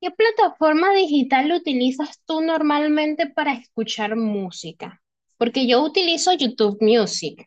¿Qué plataforma digital utilizas tú normalmente para escuchar música? Porque yo utilizo YouTube Music.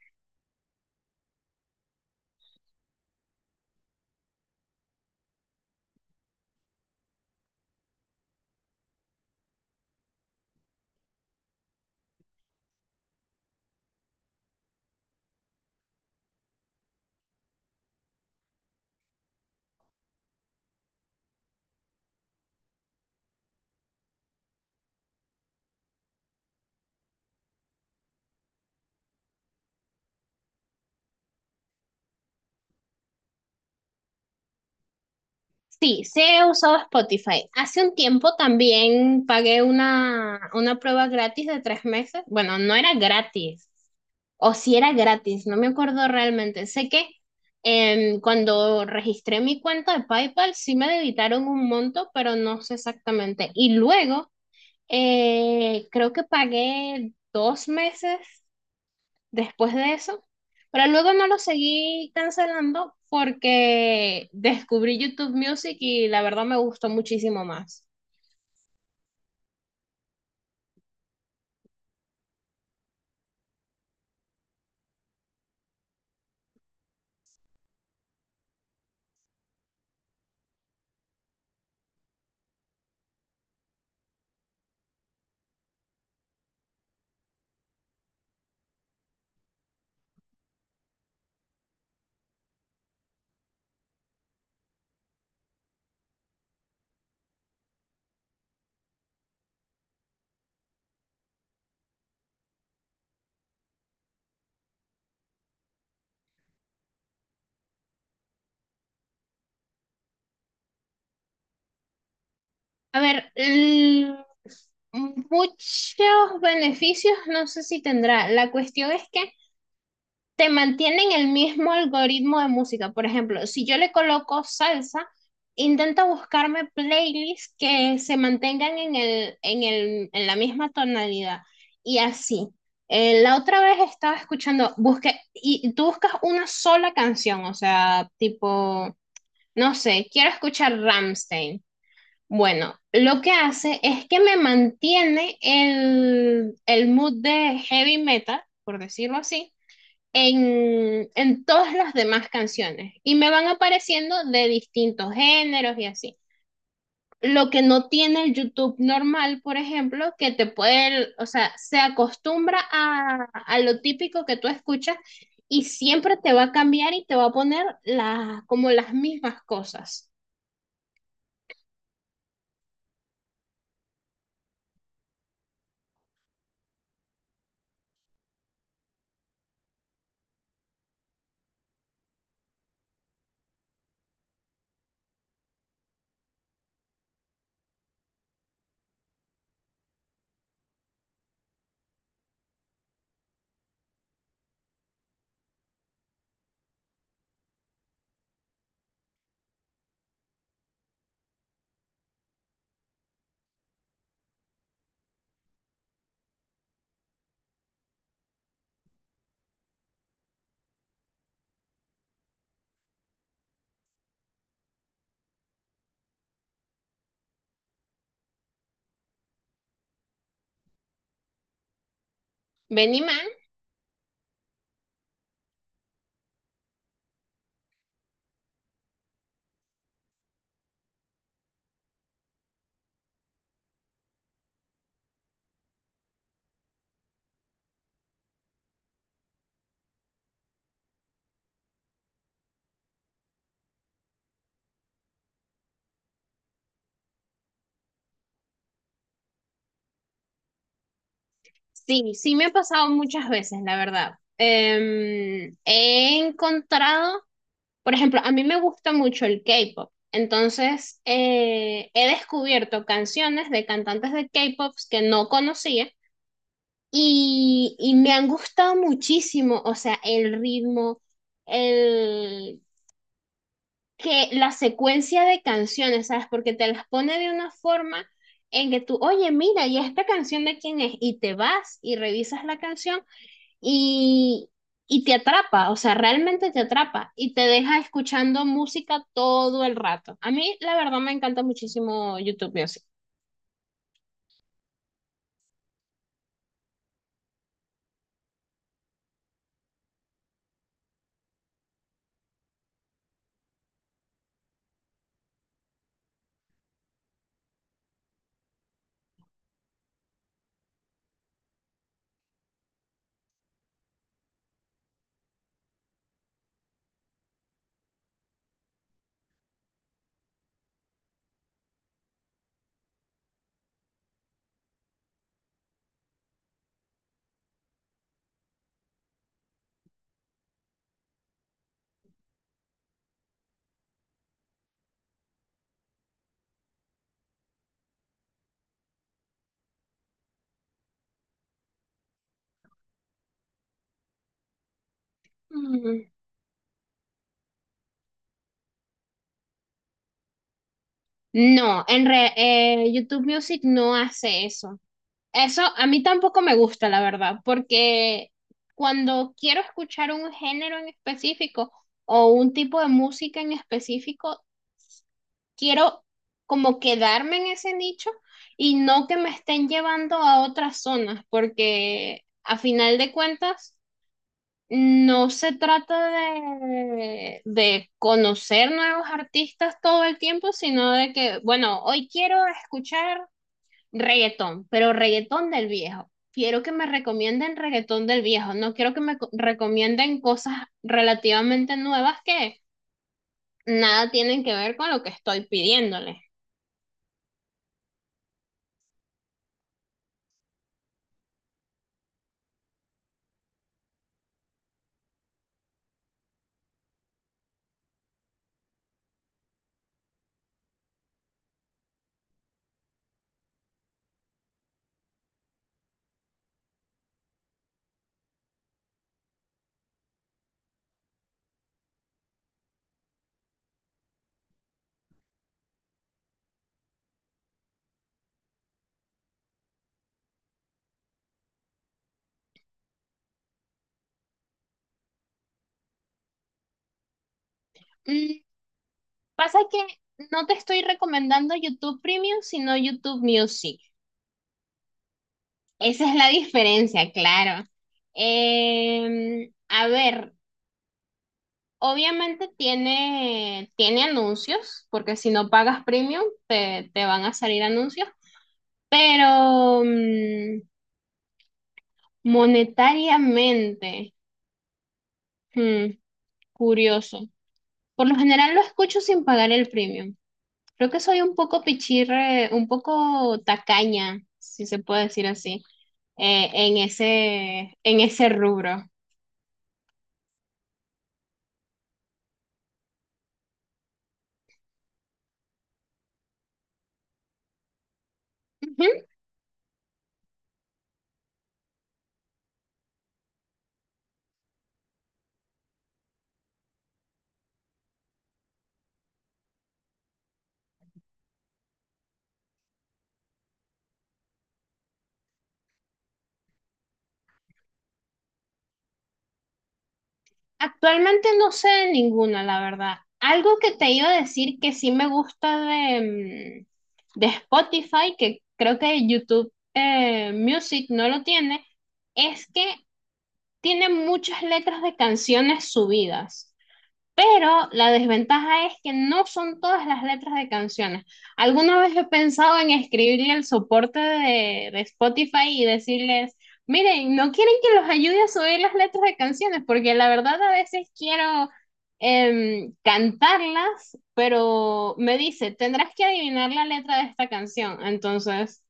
Sí, sí he usado Spotify. Hace un tiempo también pagué una prueba gratis de tres meses. Bueno, no era gratis, o si era gratis, no me acuerdo realmente. Sé que cuando registré mi cuenta de PayPal sí me debitaron un monto, pero no sé exactamente. Y luego creo que pagué dos meses después de eso, pero luego no lo seguí cancelando porque descubrí YouTube Music y la verdad me gustó muchísimo más. A ver, muchos beneficios no sé si tendrá. La cuestión es que te mantienen el mismo algoritmo de música. Por ejemplo, si yo le coloco salsa, intenta buscarme playlists que se mantengan en la misma tonalidad y así. La otra vez estaba escuchando, busqué, y tú buscas una sola canción, o sea, tipo, no sé, quiero escuchar Ramstein. Bueno, lo que hace es que me mantiene el mood de heavy metal, por decirlo así, en todas las demás canciones y me van apareciendo de distintos géneros y así. Lo que no tiene el YouTube normal, por ejemplo, que te puede, o sea, se acostumbra a lo típico que tú escuchas y siempre te va a cambiar y te va a poner las como las mismas cosas. Benimán, sí, sí me ha pasado muchas veces, la verdad. He encontrado. Por ejemplo, a mí me gusta mucho el K-pop, entonces he descubierto canciones de cantantes de K-pop que no conocía y me han gustado muchísimo, o sea, el ritmo, el, que la secuencia de canciones, ¿sabes? Porque te las pone de una forma en que tú, oye, mira, ¿y esta canción de quién es? Y te vas y revisas la canción y, y te atrapa, o sea, realmente te atrapa y te deja escuchando música todo el rato. A mí, la verdad, me encanta muchísimo YouTube Music. Mm. No, YouTube Music no hace eso. Eso a mí tampoco me gusta, la verdad, porque cuando quiero escuchar un género en específico o un tipo de música en específico, quiero como quedarme en ese nicho y no que me estén llevando a otras zonas, porque a final de cuentas no se trata de conocer nuevos artistas todo el tiempo, sino de que, bueno, hoy quiero escuchar reggaetón, pero reggaetón del viejo. Quiero que me recomienden reggaetón del viejo. No quiero que me recomienden cosas relativamente nuevas que nada tienen que ver con lo que estoy pidiéndole. Mm, Pasa que no te estoy recomendando YouTube Premium, sino YouTube Music. Esa es la diferencia, claro. A ver, obviamente tiene anuncios, porque si no pagas Premium, te van a salir anuncios. Pero monetariamente, hmm, curioso. Por lo general lo escucho sin pagar el premium. Creo que soy un poco pichirre, un poco tacaña, si se puede decir así, en ese rubro. Ujú. Actualmente no sé de ninguna, la verdad. Algo que te iba a decir que sí me gusta de Spotify, que creo que YouTube Music no lo tiene, es que tiene muchas letras de canciones subidas, pero la desventaja es que no son todas las letras de canciones. Alguna vez he pensado en escribirle el soporte de Spotify y decirles, miren, no quieren que los ayude a subir las letras de canciones, porque la verdad a veces quiero cantarlas, pero me dice, tendrás que adivinar la letra de esta canción. Entonces,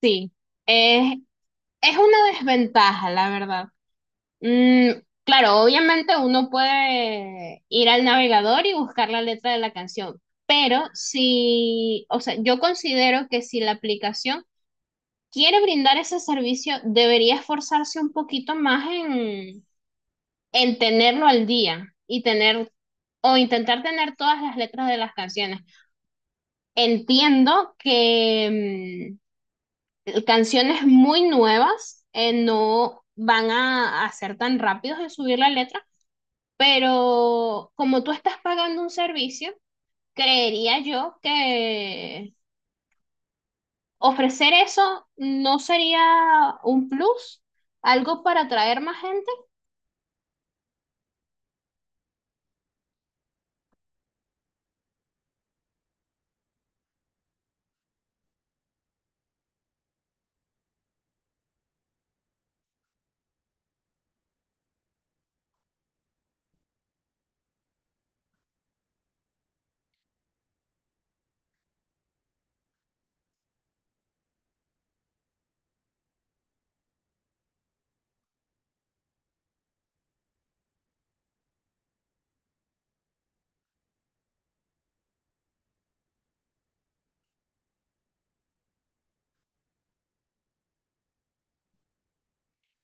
sí, es, es una desventaja, la verdad. Mm, claro, obviamente uno puede ir al navegador y buscar la letra de la canción, pero si, o sea, yo considero que si la aplicación quiere brindar ese servicio, debería esforzarse un poquito más en tenerlo al día y tener o intentar tener todas las letras de las canciones. Entiendo que canciones muy nuevas no van a ser tan rápidos en subir la letra. Pero como tú estás pagando un servicio, creería yo que ofrecer eso no sería un plus, algo para atraer más gente.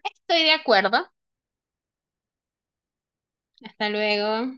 Estoy de acuerdo. Hasta luego.